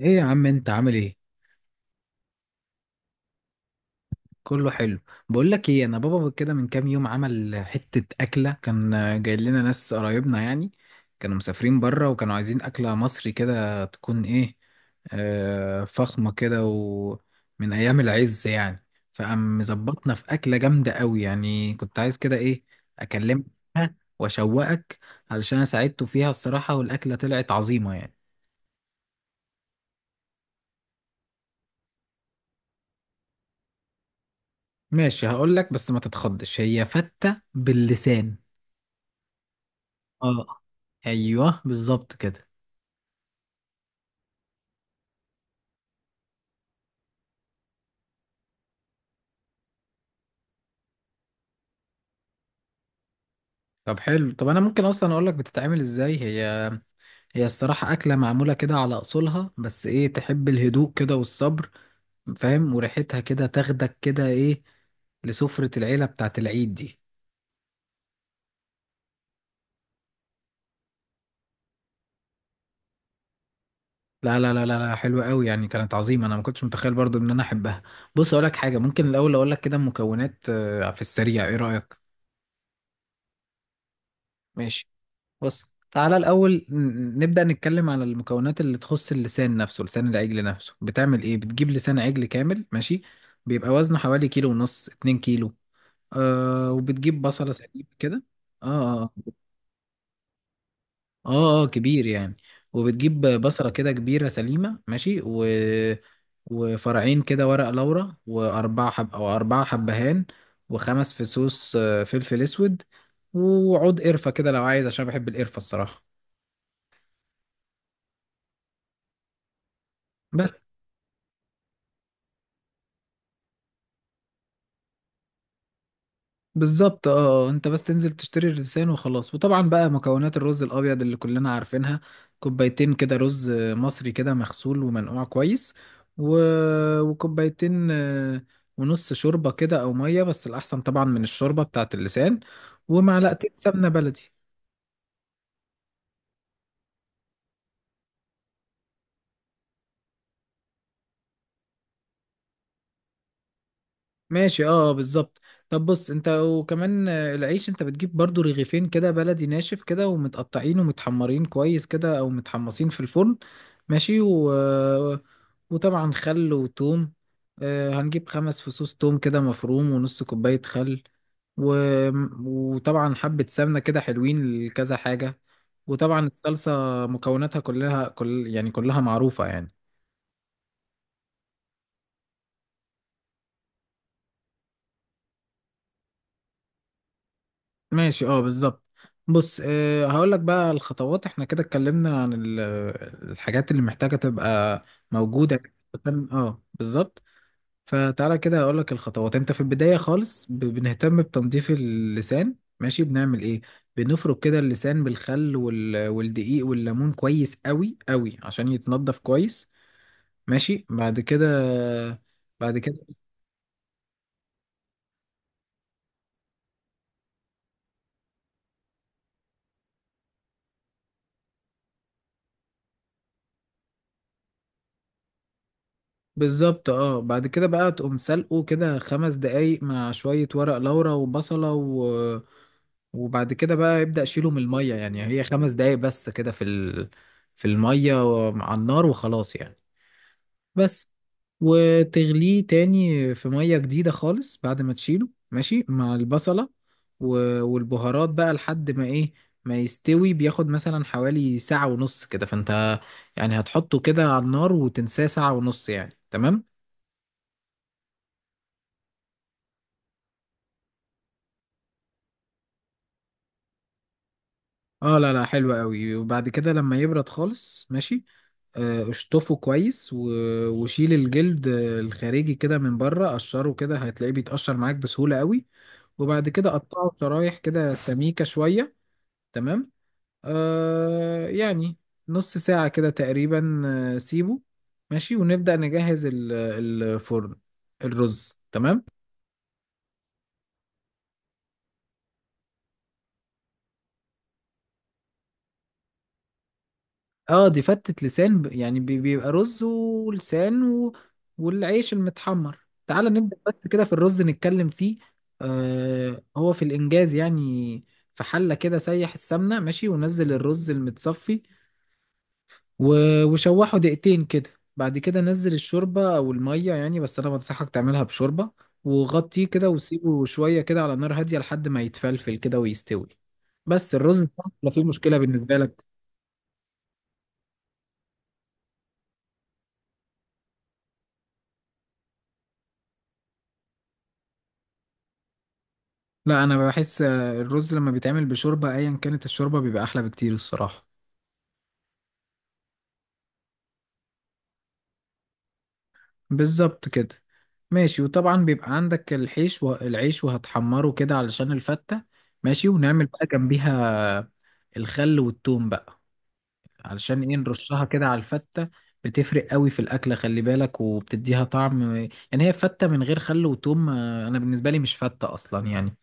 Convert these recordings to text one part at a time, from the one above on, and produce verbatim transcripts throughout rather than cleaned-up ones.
ايه يا عم، انت عامل ايه؟ كله حلو. بقول لك ايه، انا بابا كده من كام يوم عمل حتة اكلة، كان جاي لنا ناس قرايبنا يعني، كانوا مسافرين بره وكانوا عايزين اكلة مصري كده تكون ايه، آه فخمة كده ومن ايام العز يعني. فقام مظبطنا في اكلة جامدة قوي يعني، كنت عايز كده ايه، اكلمك واشوقك، علشان أنا ساعدته فيها الصراحة، والاكلة طلعت عظيمة يعني. ماشي، هقول لك بس ما تتخضش، هي فتة باللسان. اه، ايوه بالظبط كده. طب حلو، طب انا ممكن اصلا اقول لك بتتعمل ازاي هي؟ هي الصراحه اكله معموله كده على اصولها، بس ايه، تحب الهدوء كده والصبر، فاهم، وريحتها كده تاخدك كده ايه، لسفره العيله بتاعت العيد دي. لا لا لا لا لا، حلوه قوي يعني، كانت عظيمه، انا ما كنتش متخيل برضو ان انا احبها. بص اقول لك حاجه، ممكن الاول اقول لك كده المكونات، آه، في السريع، ايه رايك؟ ماشي. بص، تعالى الأول ن- نبدأ نتكلم على المكونات اللي تخص اللسان نفسه، لسان العجل نفسه. بتعمل إيه؟ بتجيب لسان عجل كامل، ماشي. بيبقى وزنه حوالي كيلو ونص، اتنين كيلو. آه، وبتجيب بصلة سليمة كده. آه آه آه آه، كبير يعني. وبتجيب بصلة كده كبيرة سليمة ماشي، و... وفرعين كده ورق لورا وأربعة حب أو أربعة حبهان، وخمس فصوص، آه، فلفل أسود، وعود قرفة كده لو عايز عشان بحب القرفة الصراحة. بالظبط اه. آه، انت بس تنزل تشتري الرزان وخلاص، وطبعا بقى مكونات الرز الابيض اللي كلنا عارفينها، كوبايتين كده رز مصري كده مغسول ومنقوع كويس، و... وكوبايتين، آه، ونص شوربة كده او مية، بس الاحسن طبعا من الشوربة بتاعت اللسان، ومعلقتين سمنة بلدي. ماشي اه بالظبط. طب بص انت، وكمان آه، العيش، انت بتجيب برضو رغيفين كده بلدي ناشف كده ومتقطعين ومتحمرين كويس كده او متحمصين في الفرن، ماشي، و... آه، وطبعا خل وتوم. آه، هنجيب خمس فصوص توم كده مفروم ونص كوباية خل، و... وطبعا حبة سمنة كده حلوين لكذا حاجة، وطبعا الصلصة، مكوناتها كلها كل يعني كلها معروفة يعني. ماشي اه بالظبط. بص، أه هقول لك بقى الخطوات، احنا كده اتكلمنا عن ال- الحاجات اللي محتاجة تبقى موجودة. عشان- اه بالظبط. فتعالى كده هقول لك الخطوات، انت في البداية خالص ب- بنهتم بتنظيف اللسان، ماشي، بنعمل ايه؟ بنفرك كده اللسان بالخل وال... والدقيق والليمون كويس قوي قوي، عشان يتنضف كويس، ماشي. بعد كده بعد كده بالظبط اه، بعد كده بقى تقوم سلقه كده خمس دقايق مع شوية ورق لورا وبصلة، و... وبعد كده بقى يبدأ شيله من المية يعني، هي خمس دقايق بس كده في ال... في المية، و- على النار وخلاص يعني، بس. وتغليه تاني في مية جديدة خالص بعد ما تشيله ماشي مع البصلة و... والبهارات بقى لحد ما ايه، ما يستوي، بياخد مثلا حوالي ساعة ونص كده، فانت يعني هتحطه كده على النار وتنساه ساعة ونص يعني، تمام. اه لا لا حلو قوي. وبعد كده لما يبرد خالص ماشي، آه، اشطفه كويس، و... وشيل الجلد آه، الخارجي كده من بره، قشره كده هتلاقيه بيتقشر معاك بسهولة قوي، وبعد كده قطعه شرايح كده سميكة شوية، تمام. آه يعني نص ساعة كده تقريبا، آه، سيبه ماشي، ونبدأ نجهز ال- الفرن، الرز تمام. اه، دي فتة لسان، ب- يعني بي- بيبقى رز ولسان و... والعيش المتحمر. تعال نبدأ بس كده في الرز نتكلم فيه. آه هو في الإنجاز يعني، في حلة كده سيح السمنة ماشي، ونزل الرز المتصفي، و... وشوحه دقيقتين كده، بعد كده نزل الشوربة أو المية يعني، بس أنا بنصحك تعملها بشوربة، وغطيه كده وسيبه شوية كده على نار هادية لحد ما يتفلفل كده ويستوي، بس الرز ده. لا، فيه مشكلة بالنسبة لك؟ لا انا بحس، آه، الرز لما بيتعمل بشوربه ايا كانت الشوربه بيبقى احلى بكتير الصراحه. بالظبط كده، ماشي، وطبعا بيبقى عندك الحيش والعيش وهتحمره كده علشان الفته، ماشي، ونعمل بقى جنبيها الخل والثوم بقى، علشان ايه، نرشها كده على الفته، بتفرق قوي في الاكله، خلي بالك وبتديها طعم، يعني هي فته من غير خل وثوم، آه، انا بالنسبه لي مش فته اصلا يعني.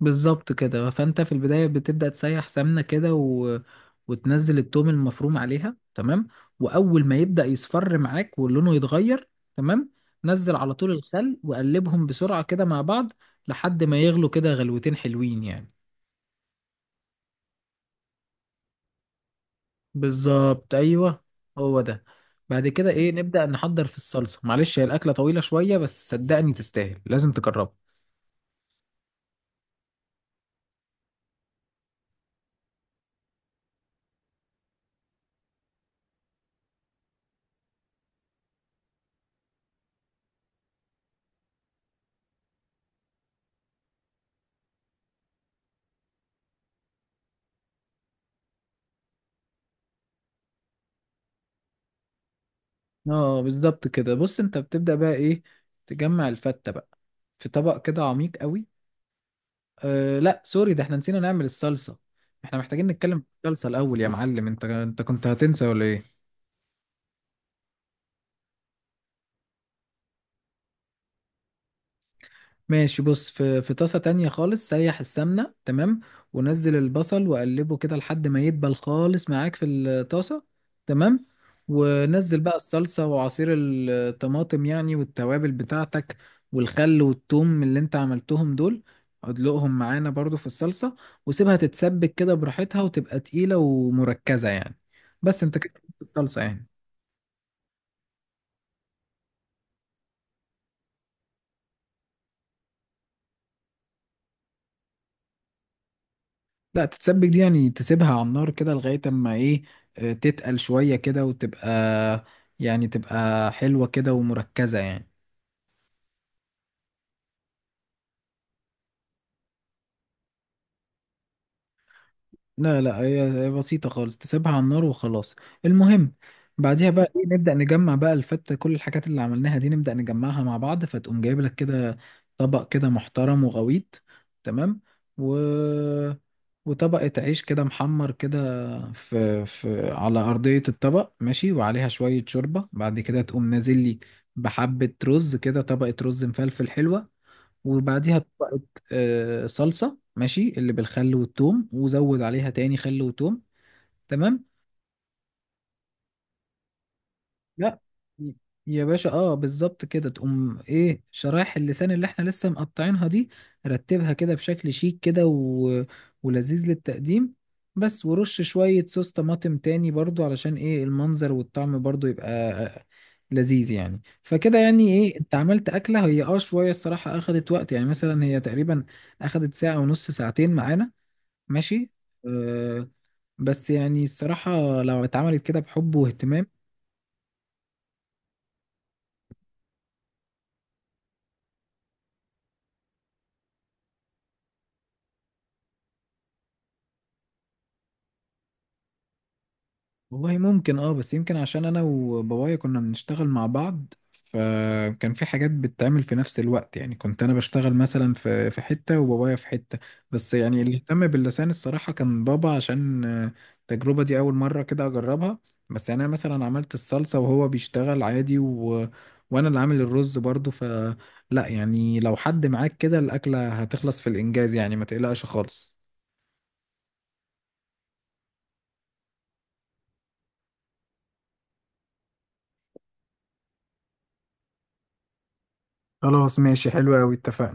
بالظبط كده، فانت في البدايه بتبدا تسيح سمنه كده، و... وتنزل التوم المفروم عليها تمام، واول ما يبدا يصفر معاك ولونه يتغير تمام، نزل على طول الخل وقلبهم بسرعه كده مع بعض لحد ما يغلوا كده غلوتين حلوين يعني. بالظبط ايوه، هو ده. بعد كده ايه، نبدا نحضر في الصلصه، معلش هي الاكله طويله شويه بس صدقني تستاهل، لازم تجربها. اه بالظبط كده، بص انت بتبدا بقى ايه، تجمع الفته بقى في طبق كده عميق قوي. أه لا سوري، ده احنا نسينا نعمل الصلصة، احنا محتاجين نتكلم في الصلصة الأول يا معلم، انت انت كنت هتنسى ولا ايه؟ ماشي. بص، في في طاسة تانية خالص سيح السمنة تمام، ونزل البصل وقلبه كده لحد ما يدبل خالص معاك في الطاسة تمام، ونزل بقى الصلصة وعصير الطماطم يعني والتوابل بتاعتك والخل والثوم اللي انت عملتهم دول، ادلقهم معانا برضو في الصلصة، وسيبها تتسبك كده براحتها وتبقى تقيلة ومركزة يعني، بس انت كده عملت الصلصة يعني. لا، تتسبك دي يعني تسيبها على النار كده لغاية اما ايه، آه، تتقل شوية كده وتبقى، يعني تبقى حلوة كده ومركزة يعني. لا لا، هي هي بسيطة خالص، تسيبها على النار وخلاص، المهم. بعديها بقى ايه، نبدأ نجمع بقى الفتة، كل الحاجات اللي عملناها دي نبدأ نجمعها مع بعض، فتقوم جايب لك كده طبق كده محترم وغويط تمام، و... وطبقة عيش كده محمر كده في... في على أرضية الطبق ماشي، وعليها شوية شوربة، بعد كده تقوم نازل لي بحبة رز كده، طبقة رز مفلفل حلوة، وبعديها طبقة، آه، صلصة ماشي، اللي بالخل والثوم، وزود عليها تاني خل وثوم، تمام. لا يا باشا، اه بالظبط كده، تقوم ايه، شرايح اللسان اللي احنا لسه مقطعينها دي، رتبها كده بشكل شيك كده، و... ولذيذ للتقديم، بس ورش شوية صوص طماطم تاني برضو، علشان ايه المنظر والطعم برضو يبقى آه، لذيذ يعني، فكده يعني ايه انت عملت اكلة، هي اه شوية الصراحة اخدت وقت يعني، مثلا هي تقريبا اخدت ساعة ونص ساعتين معانا ماشي. أه، بس يعني الصراحة لو اتعملت كده بحب واهتمام، والله ممكن، اه بس يمكن عشان انا وبابايا كنا بنشتغل مع بعض، فكان في حاجات بتتعمل في نفس الوقت يعني، كنت انا بشتغل مثلا في في حتة وبابايا في حتة، بس يعني اللي اهتم باللسان الصراحة كان بابا، عشان آه، التجربة دي اول مرة كده اجربها، بس يعني انا مثلا عملت الصلصة وهو بيشتغل عادي، و... وانا اللي عامل الرز برضو، ف لا يعني لو حد معاك كده الاكلة هتخلص في الانجاز يعني، ما تقلقش خالص. خلاص ماشي، حلو قوي، اتفقنا.